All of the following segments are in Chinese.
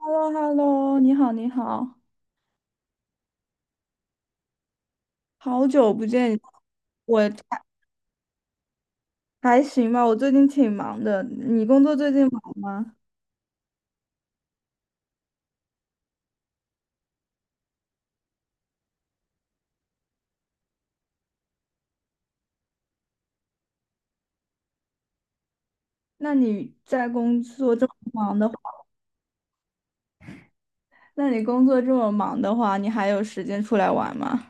h e l l o h e l l o 你好，你好，好久不见，我还还行吧，我最近挺忙的。你工作最近忙吗？那你在工作这么忙的话，那你工作这么忙的话，你还有时间出来玩吗？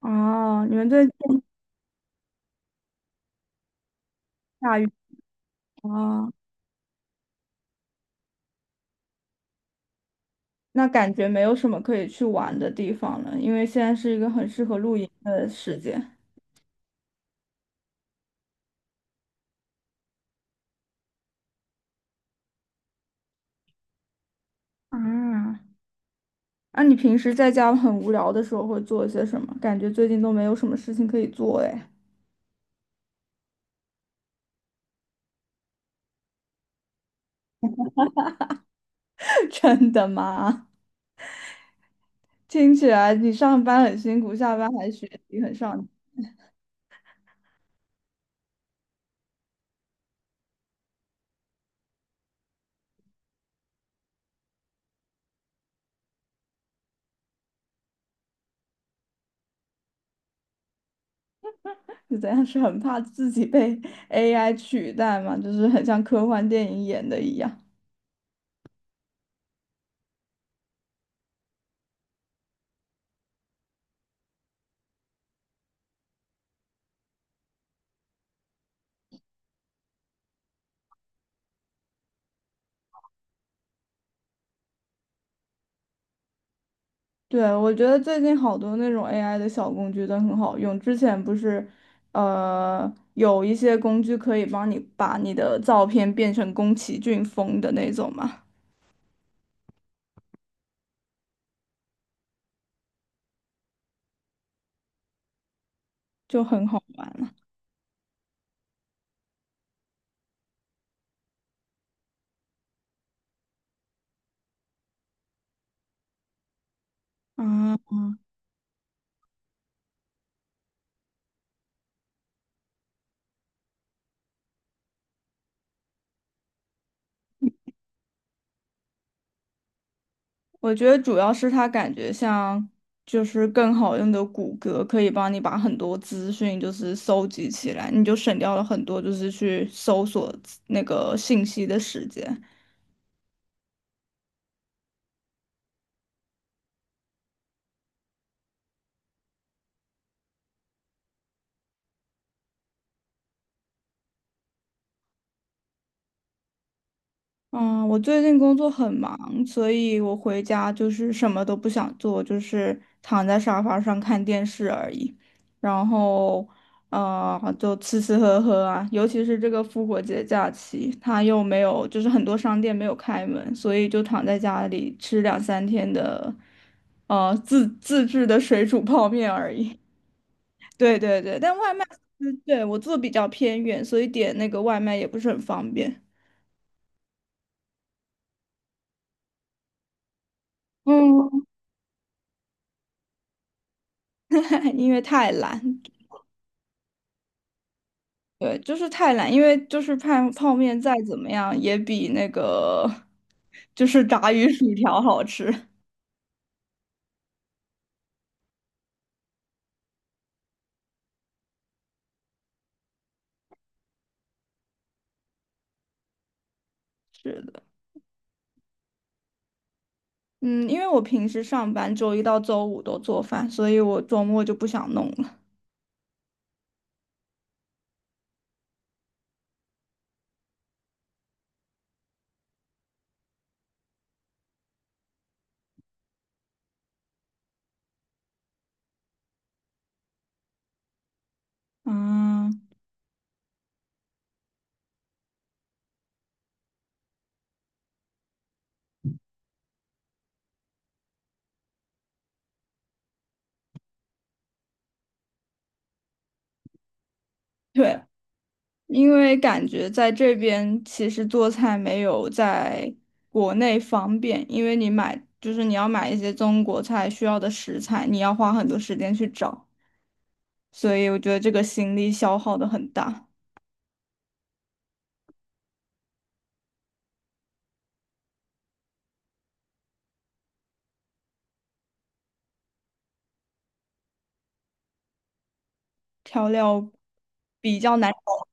哦，你们最近下雨啊，那感觉没有什么可以去玩的地方了，因为现在是一个很适合露营的时间。啊，那你平时在家很无聊的时候会做些什么？感觉最近都没有什么事情可以做哎。真的吗？听起来你上班很辛苦，下班还学习很上进，是怎样？是很怕自己被 AI 取代吗？就是很像科幻电影演的一样。对，我觉得最近好多那种 AI 的小工具都很好用。之前不是，有一些工具可以帮你把你的照片变成宫崎骏风的那种嘛，就很好玩了。啊，我觉得主要是它感觉像就是更好用的谷歌，可以帮你把很多资讯就是搜集起来，你就省掉了很多就是去搜索资那个信息的时间。嗯，我最近工作很忙，所以我回家就是什么都不想做，就是躺在沙发上看电视而已。然后，就吃吃喝喝啊，尤其是这个复活节假期，它又没有，就是很多商店没有开门，所以就躺在家里吃两三天的，自制的水煮泡面而已。对对对，但外卖，嗯对，我住得比较偏远，所以点那个外卖也不是很方便。嗯，因为太懒，对，就是太懒，因为就是泡面再怎么样也比那个就是炸鱼薯条好吃。是的，嗯，因为我平时上班周一到周五都做饭，所以我周末就不想弄了。嗯，对，因为感觉在这边其实做菜没有在国内方便，因为你买就是你要买一些中国菜需要的食材，你要花很多时间去找。所以我觉得这个心力消耗的很大，调料比较难找，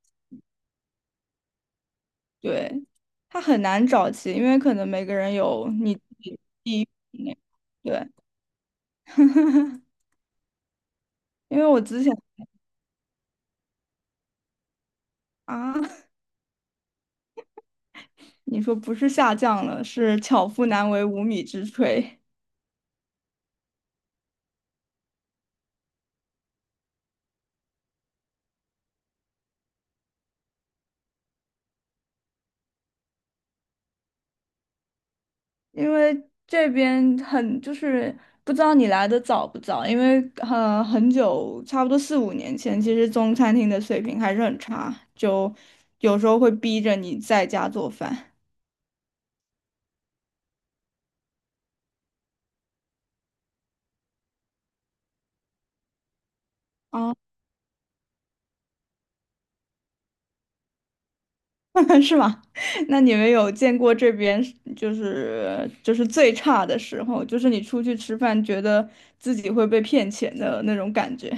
对，它很难找齐，因为可能每个人有你自己地域那个对，因为我之前啊，你说不是下降了，是巧妇难为无米之炊，因为这边很就是不知道你来的早不早，因为呃很久，差不多四五年前，其实中餐厅的水平还是很差，就有时候会逼着你在家做饭啊，是吗？那你们有见过这边就是最差的时候，就是你出去吃饭，觉得自己会被骗钱的那种感觉？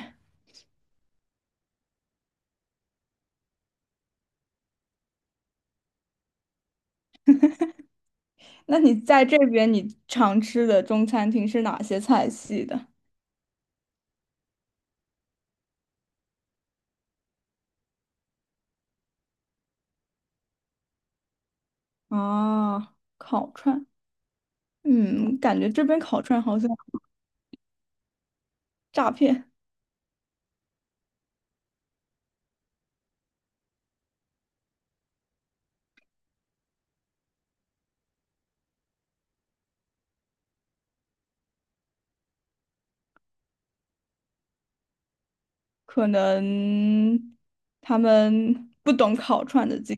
那你在这边你常吃的中餐厅是哪些菜系的？啊，烤串。嗯，感觉这边烤串好像诈骗，可能他们不懂烤串的这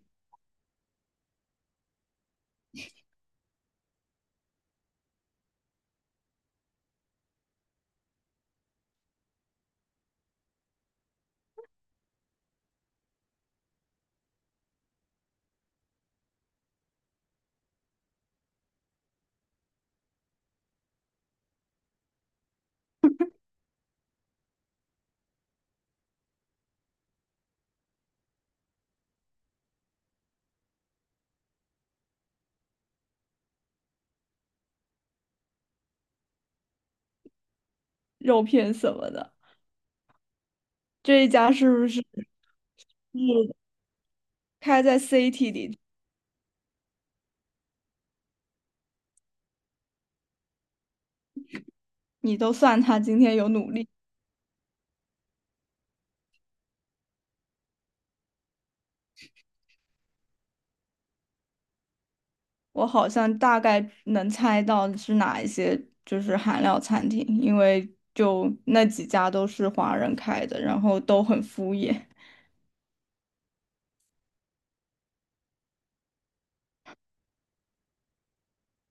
肉片什么的。这一家是不是开在 City 里？你都算他今天有努力，我好像大概能猜到是哪一些就是韩料餐厅，因为就那几家都是华人开的，然后都很敷衍。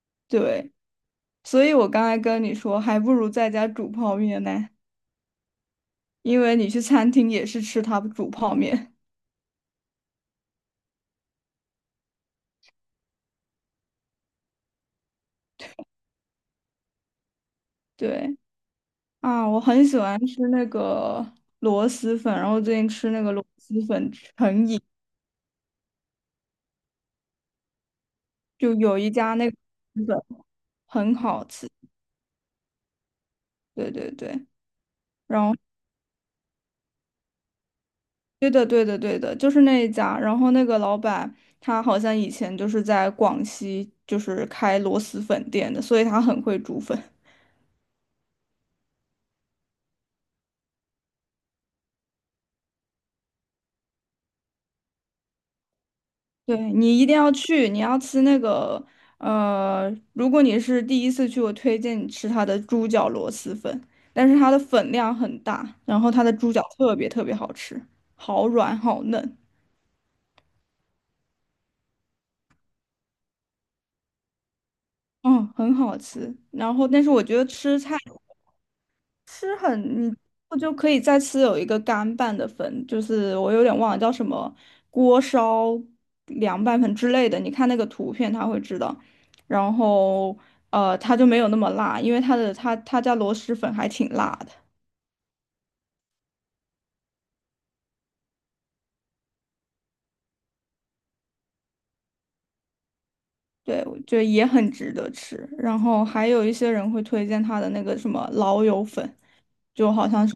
对，所以我刚才跟你说，还不如在家煮泡面呢。因为你去餐厅也是吃他煮泡面。对啊，我很喜欢吃那个螺蛳粉，然后最近吃那个螺蛳粉成瘾，就有一家那个螺蛳粉很好吃。对对对，然后对的对的对的，就是那一家。然后那个老板他好像以前就是在广西就是开螺蛳粉店的，所以他很会煮粉。对，你一定要去，你要吃那个，如果你是第一次去，我推荐你吃它的猪脚螺蛳粉，但是它的粉量很大，然后它的猪脚特别特别好吃，好软好嫩，嗯，很好吃。然后，但是我觉得吃吃很，你我就可以再吃有一个干拌的粉，就是我有点忘了叫什么锅烧凉拌粉之类的。你看那个图片，他会知道。然后他就没有那么辣，因为他的他家螺蛳粉还挺辣的。对，我觉得也很值得吃。然后还有一些人会推荐他的那个什么老友粉，就好像是，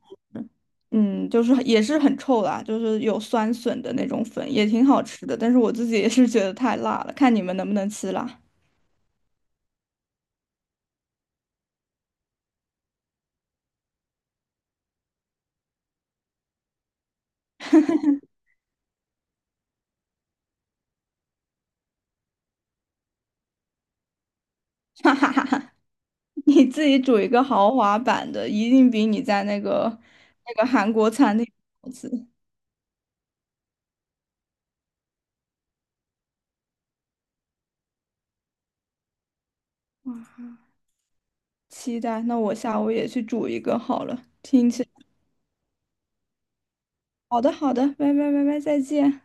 嗯，就是也是很臭啦，就是有酸笋的那种粉，也挺好吃的。但是我自己也是觉得太辣了，看你们能不能吃辣。哈哈哈哈，你自己煮一个豪华版的，一定比你在那个那个韩国餐厅好吃。期待，那我下午也去煮一个好了。听起来，好的好的，拜拜拜拜，再见。